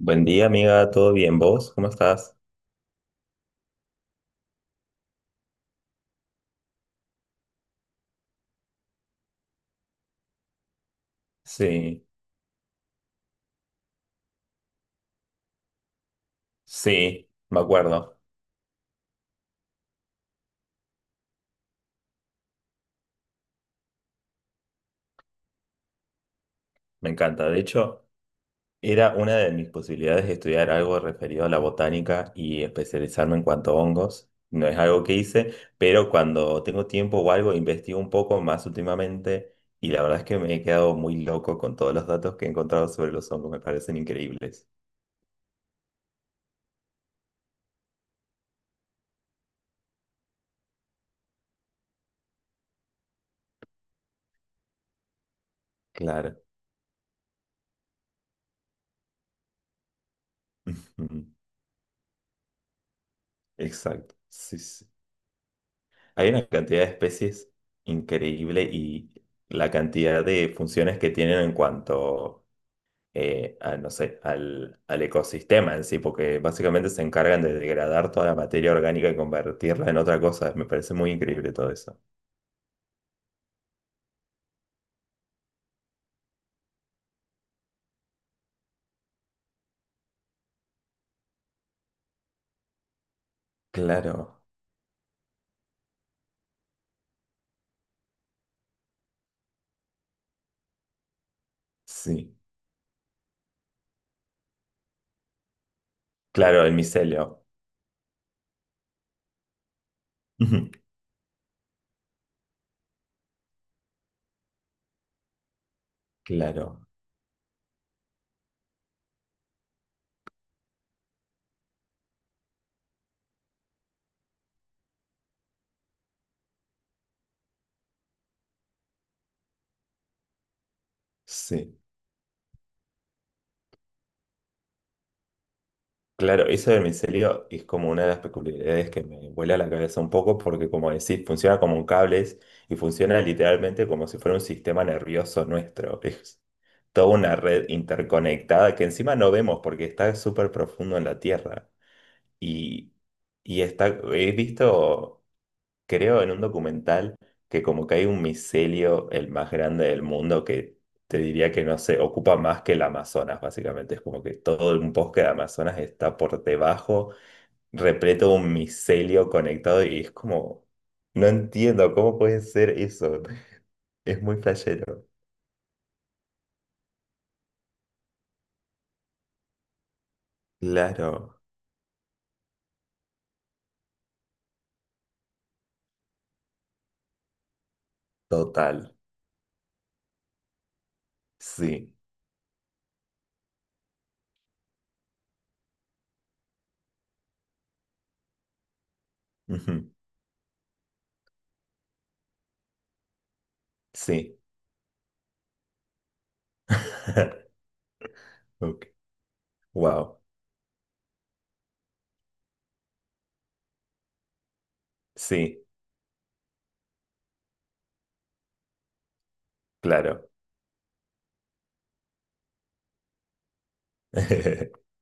Buen día, amiga, ¿todo bien? ¿Vos? ¿Cómo estás? Sí, sí, me acuerdo, me encanta. De hecho, era una de mis posibilidades de estudiar algo referido a la botánica y especializarme en cuanto a hongos. No es algo que hice, pero cuando tengo tiempo o algo, investigo un poco más últimamente y la verdad es que me he quedado muy loco con todos los datos que he encontrado sobre los hongos, me parecen increíbles. Claro. Ujú. Exacto, sí, sí. Hay una cantidad de especies increíble y la cantidad de funciones que tienen en cuanto a, no sé, al ecosistema en sí, porque básicamente se encargan de degradar toda la materia orgánica y convertirla en otra cosa. Me parece muy increíble todo eso. Claro, sí. Claro, el micelio. Claro, sí. Claro, eso del micelio es como una de las peculiaridades que me vuela la cabeza un poco porque como decís, funciona como un cables y funciona literalmente como si fuera un sistema nervioso nuestro. Es toda una red interconectada que encima no vemos porque está súper profundo en la tierra. Y, y está, he visto creo, en un documental que como que hay un micelio, el más grande del mundo, que te diría que no se ocupa más que el Amazonas, básicamente. Es como que todo un bosque de Amazonas está por debajo, repleto de un micelio conectado y es como, no entiendo cómo puede ser eso. Es muy flashero. Claro, total, sí, ujú, sí. Wow, sí, claro.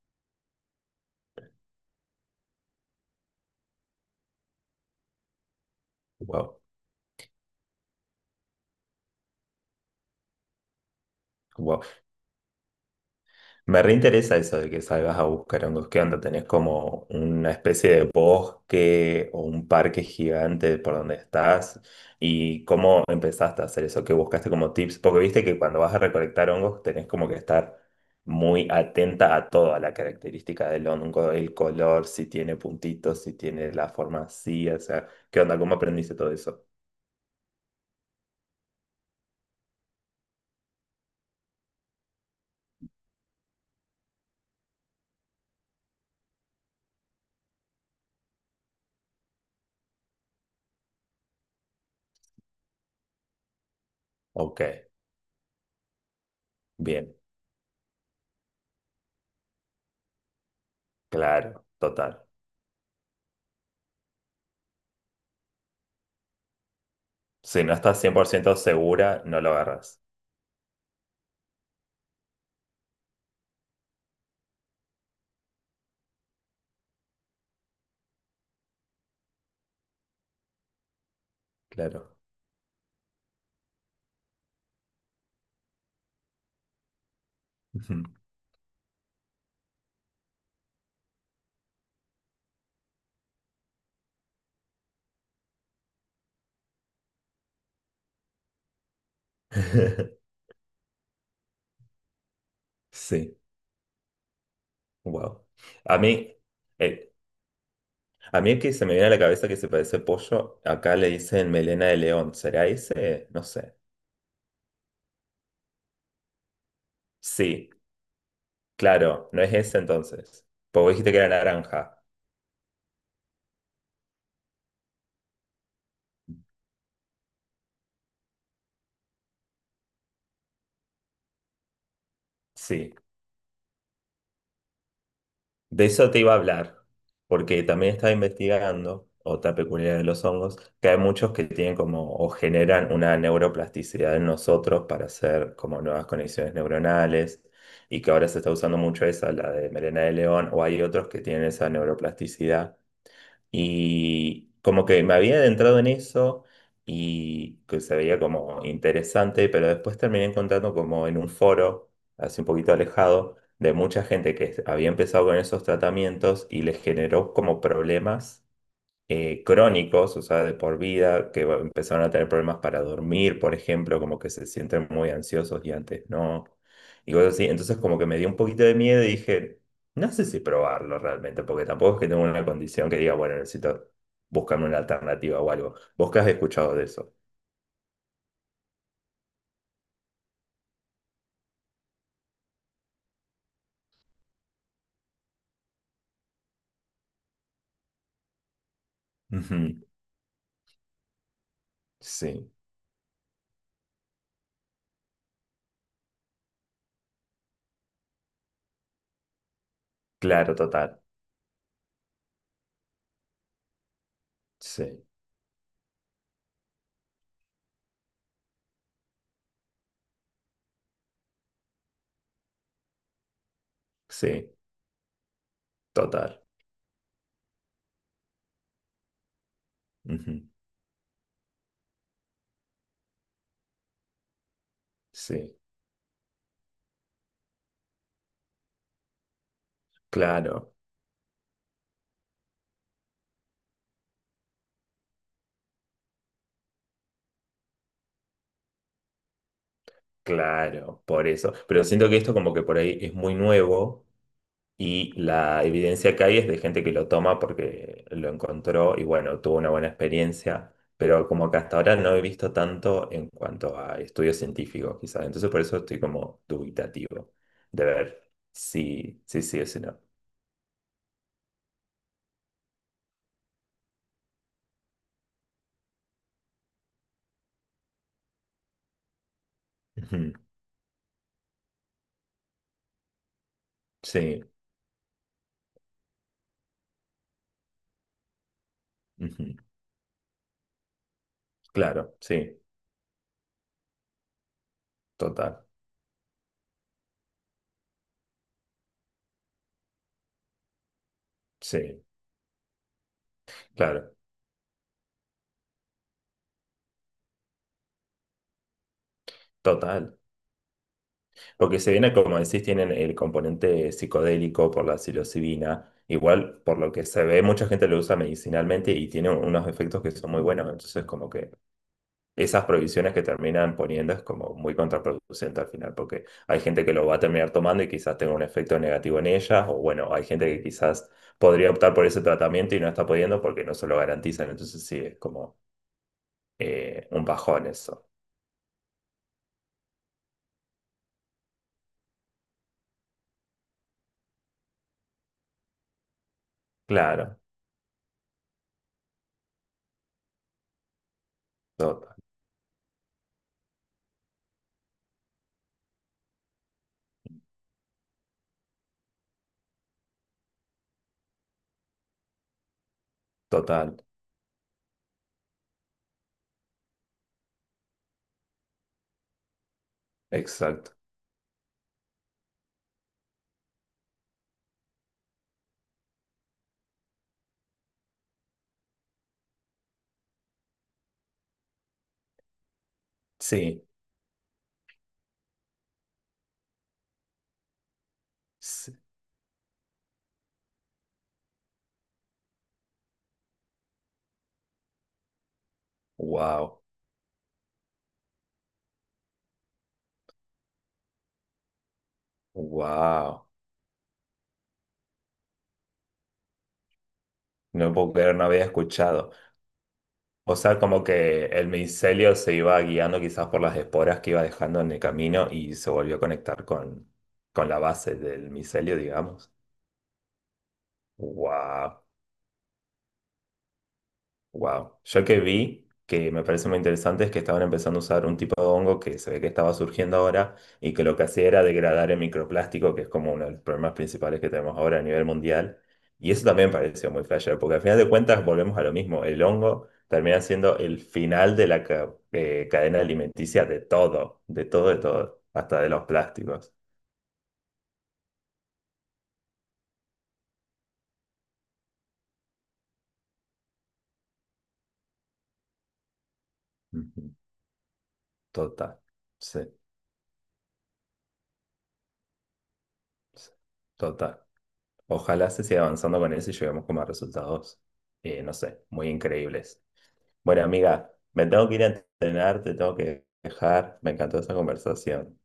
Wow, wow. Me reinteresa eso de que salgas a buscar hongos. ¿Qué onda? ¿Tenés como una especie de bosque o un parque gigante por donde estás? ¿Y cómo empezaste a hacer eso? ¿Qué buscaste como tips? Porque viste que cuando vas a recolectar hongos tenés como que estar muy atenta a toda la característica del hongo, el color, si tiene puntitos, si tiene la forma así, o sea, ¿qué onda? ¿Cómo aprendiste todo eso? Ok, bien, claro, total. Si no estás cien por ciento segura, no lo agarras. Claro. Sí, wow. A mí, eh, a mí el que se me viene a la cabeza que se parece pollo, acá le dicen melena de león. ¿Será ese? No sé. Sí, claro, no es ese entonces. Porque vos dijiste que era naranja. Sí, de eso te iba a hablar, porque también estaba investigando otra peculiaridad de los hongos, que hay muchos que tienen como o generan una neuroplasticidad en nosotros para hacer como nuevas conexiones neuronales y que ahora se está usando mucho esa, la de melena de león, o hay otros que tienen esa neuroplasticidad y como que me había adentrado en eso y que se veía como interesante, pero después terminé encontrando como en un foro, así un poquito alejado, de mucha gente que había empezado con esos tratamientos y les generó como problemas crónicos, o sea, de por vida, que va- empezaron a tener problemas para dormir, por ejemplo, como que se sienten muy ansiosos y antes no, y cosas así. Entonces como que me dio un poquito de miedo y dije, no sé si probarlo realmente, porque tampoco es que tengo una condición que diga, bueno, necesito buscarme una alternativa o algo. ¿Vos qué has escuchado de eso? Ujú, sí, claro, total. Sí, sí, total. Ujú, sí, claro, claro, por eso. Pero siento que esto como que por ahí es muy nuevo. Y la evidencia que hay es de gente que lo toma porque lo encontró y bueno, tuvo una buena experiencia, pero como que hasta ahora no he visto tanto en cuanto a estudios científicos, quizás. Entonces por eso estoy como dubitativo de ver si sí, sí o si no. Ujú, sí, ujú, claro, sí, total, sí, claro, total. Lo que se viene, como decís, tienen el componente psicodélico por la psilocibina. Igual, por lo que se ve, mucha gente lo usa medicinalmente y tiene unos efectos que son muy buenos. Entonces, como que esas prohibiciones que terminan poniendo es como muy contraproducente al final, porque hay gente que lo va a terminar tomando y quizás tenga un efecto negativo en ellas, o bueno, hay gente que quizás podría optar por ese tratamiento y no está pudiendo porque no se lo garantizan. Entonces, sí, es como un bajón eso. Claro, to- total, exacto. Sí, sí. Wow, wow. No puedo creer, no había escuchado. O sea, como que el micelio se iba guiando quizás por las esporas que iba dejando en el camino y se volvió a conectar con la base del micelio, digamos. Wow. Wow. Yo que vi, que me parece muy interesante, es que estaban empezando a usar un tipo de hongo que se ve que estaba surgiendo ahora y que lo que hacía era degradar el microplástico, que es como uno de los problemas principales que tenemos ahora a nivel mundial. Y eso también me pareció muy flasher porque al final de cuentas volvemos a lo mismo. El hongo termina siendo el final de la cadena alimenticia de todo, de todo, de todo, hasta de los plásticos. Ujú. Total. Sí, sí, total. Ojalá se siga avanzando con eso y lleguemos como a resultados, no sé, muy increíbles. Bueno, amiga, me tengo que ir a entrenar, te tengo que dejar. Me encantó esta conversación.